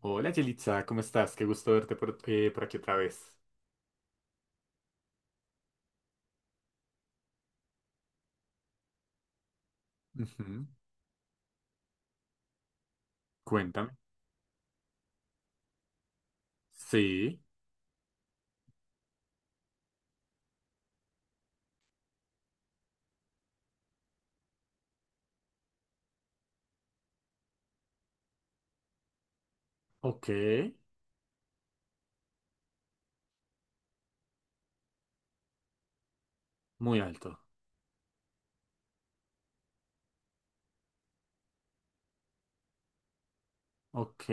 Hola Yelitza, ¿cómo estás? Qué gusto verte por aquí otra vez. Ujú. Cuéntame. Sí, ok, muy alto. Ok.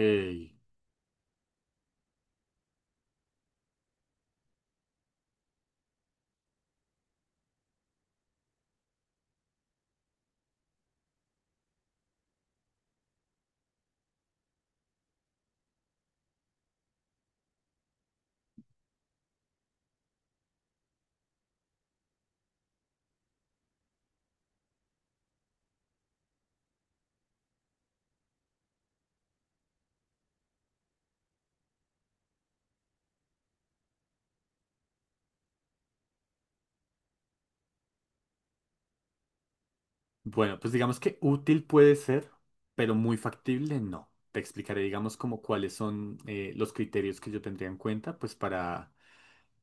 Bueno, pues digamos que útil puede ser, pero muy factible no. Te explicaré, digamos, como cuáles son los criterios que yo tendría en cuenta, pues para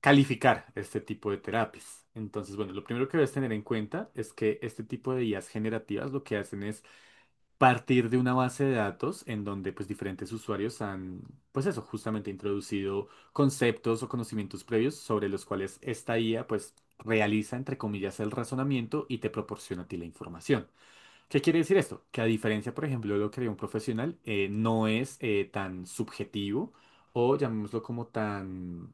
calificar este tipo de terapias. Entonces, bueno, lo primero que debes tener en cuenta es que este tipo de IAs generativas lo que hacen es partir de una base de datos en donde pues diferentes usuarios han, pues eso, justamente introducido conceptos o conocimientos previos sobre los cuales esta IA pues realiza entre comillas el razonamiento y te proporciona a ti la información. ¿Qué quiere decir esto? Que a diferencia, por ejemplo, de lo que haría un profesional, no es tan subjetivo o llamémoslo como tan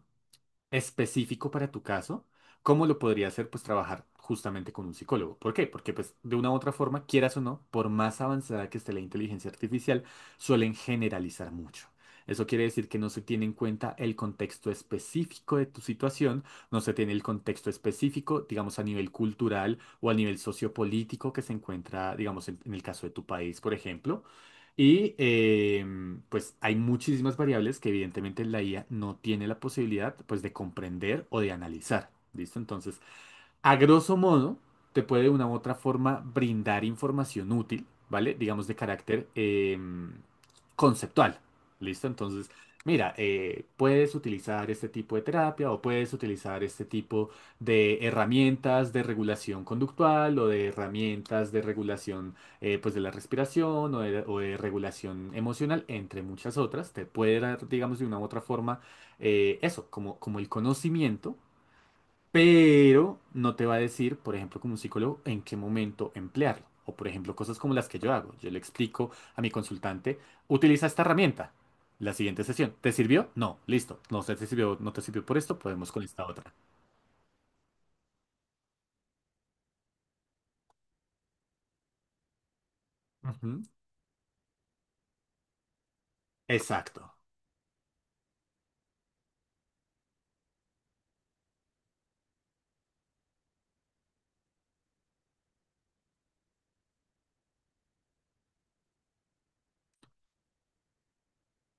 específico para tu caso, ¿cómo lo podría hacer? Pues trabajar justamente con un psicólogo. ¿Por qué? Porque pues de una u otra forma, quieras o no, por más avanzada que esté la inteligencia artificial, suelen generalizar mucho. Eso quiere decir que no se tiene en cuenta el contexto específico de tu situación, no se tiene el contexto específico, digamos, a nivel cultural o a nivel sociopolítico que se encuentra, digamos, en el caso de tu país, por ejemplo, y pues hay muchísimas variables que evidentemente la IA no tiene la posibilidad pues de comprender o de analizar. ¿Listo? Entonces, a grosso modo, te puede de una u otra forma brindar información útil, ¿vale? Digamos de carácter conceptual. ¿Listo? Entonces, mira, puedes utilizar este tipo de terapia o puedes utilizar este tipo de herramientas de regulación conductual o de herramientas de regulación pues de la respiración o de regulación emocional, entre muchas otras. Te puede dar, digamos, de una u otra forma eso, como, como el conocimiento, pero no te va a decir, por ejemplo, como un psicólogo, en qué momento emplearlo. O, por ejemplo, cosas como las que yo hago. Yo le explico a mi consultante, utiliza esta herramienta. La siguiente sesión, ¿te sirvió? No, listo. No sé si te sirvió, no te sirvió por esto, podemos con esta otra. Ujú. Exacto,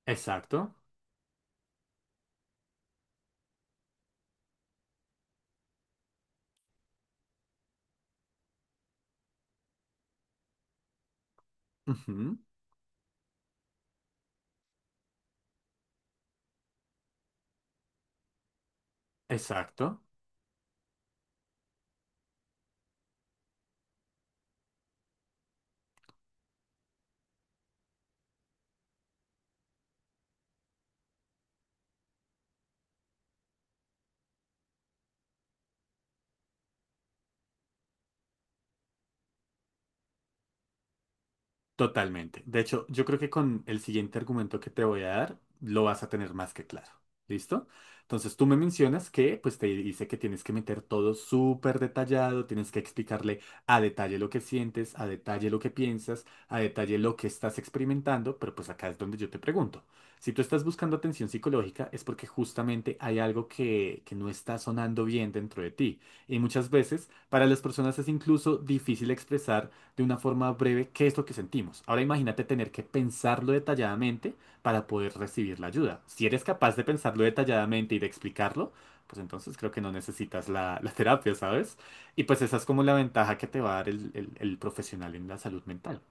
exacto, ujú, exacto. Totalmente. De hecho, yo creo que con el siguiente argumento que te voy a dar, lo vas a tener más que claro. ¿Listo? Entonces tú me mencionas que pues te dice que tienes que meter todo súper detallado, tienes que explicarle a detalle lo que sientes, a detalle lo que piensas, a detalle lo que estás experimentando, pero pues acá es donde yo te pregunto. Si tú estás buscando atención psicológica es porque justamente hay algo que no está sonando bien dentro de ti. Y muchas veces para las personas es incluso difícil expresar de una forma breve qué es lo que sentimos. Ahora imagínate tener que pensarlo detalladamente para poder recibir la ayuda. Si eres capaz de pensarlo detalladamente y de explicarlo, pues entonces creo que no necesitas la terapia, ¿sabes? Y pues esa es como la ventaja que te va a dar el profesional en la salud mental.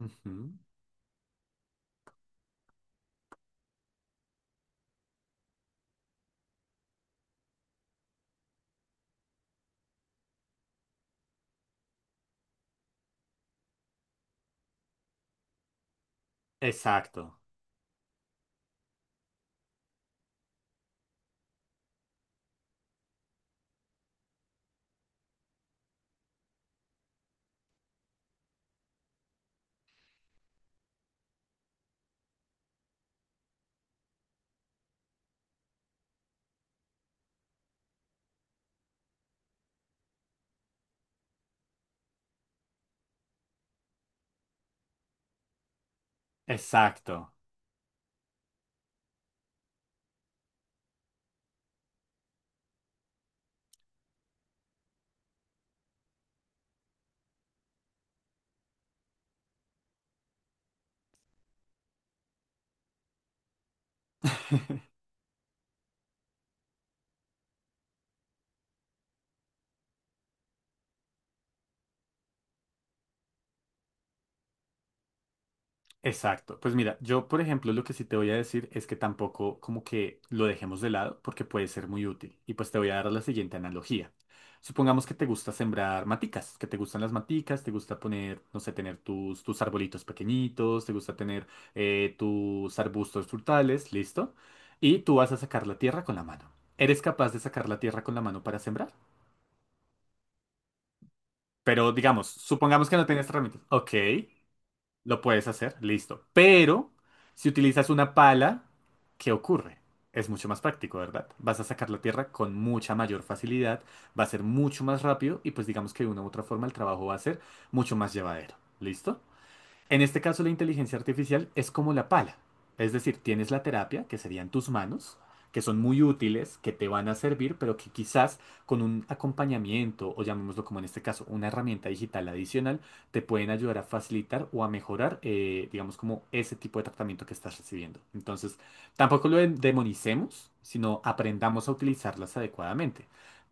Ujú. Exacto, exacto. Exacto. Pues mira, yo por ejemplo lo que sí te voy a decir es que tampoco como que lo dejemos de lado porque puede ser muy útil. Y pues te voy a dar la siguiente analogía. Supongamos que te gusta sembrar maticas, que te gustan las maticas, te gusta poner, no sé, tener tus arbolitos pequeñitos, te gusta tener tus arbustos frutales, listo. Y tú vas a sacar la tierra con la mano. ¿Eres capaz de sacar la tierra con la mano para sembrar? Pero digamos, supongamos que no tienes herramientas. Ok. Lo puedes hacer, listo. Pero si utilizas una pala, ¿qué ocurre? Es mucho más práctico, ¿verdad? Vas a sacar la tierra con mucha mayor facilidad, va a ser mucho más rápido y pues digamos que de una u otra forma el trabajo va a ser mucho más llevadero. ¿Listo? En este caso, la inteligencia artificial es como la pala. Es decir, tienes la terapia, que serían tus manos, que son muy útiles, que te van a servir, pero que quizás con un acompañamiento, o llamémoslo como en este caso, una herramienta digital adicional, te pueden ayudar a facilitar o a mejorar, digamos, como ese tipo de tratamiento que estás recibiendo. Entonces, tampoco lo demonicemos, sino aprendamos a utilizarlas adecuadamente.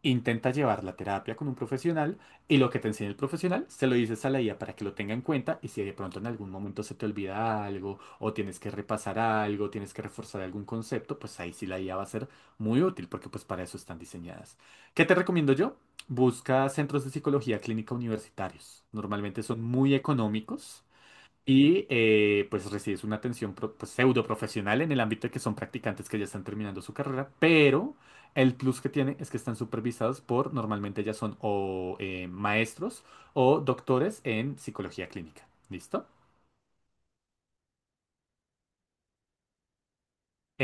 Intenta llevar la terapia con un profesional y lo que te enseña el profesional, se lo dices a la IA para que lo tenga en cuenta y si de pronto en algún momento se te olvida algo o tienes que repasar algo, tienes que reforzar algún concepto, pues ahí sí la IA va a ser muy útil porque pues para eso están diseñadas. ¿Qué te recomiendo yo? Busca centros de psicología clínica universitarios. Normalmente son muy económicos y pues recibes una atención pues, pseudo profesional en el ámbito de que son practicantes que ya están terminando su carrera, pero el plus que tiene es que están supervisados por, normalmente ya son o maestros o doctores en psicología clínica. ¿Listo?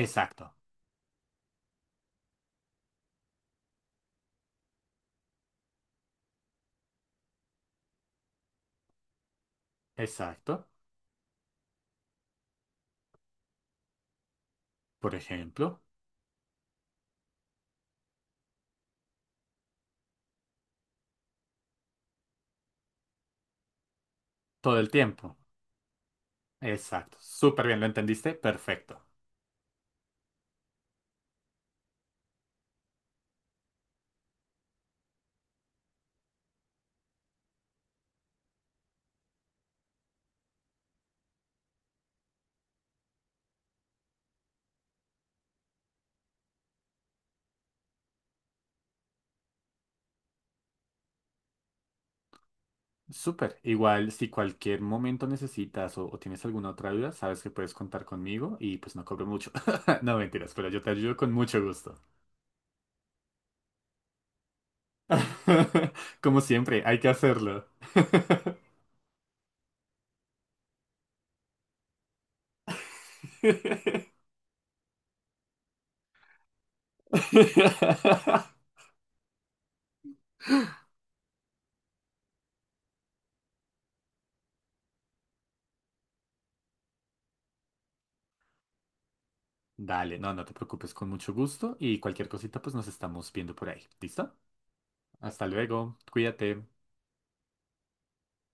Exacto, exacto. Por ejemplo, todo el tiempo. Exacto. Súper bien, ¿lo entendiste? Perfecto. Súper. Igual, si cualquier momento necesitas o tienes alguna otra duda, sabes que puedes contar conmigo y pues no cobro mucho. No mentiras, pero yo te ayudo con mucho gusto. Como siempre, hay que hacerlo. Dale, no te preocupes, con mucho gusto y cualquier cosita pues nos estamos viendo por ahí. ¿Listo? Hasta luego, cuídate.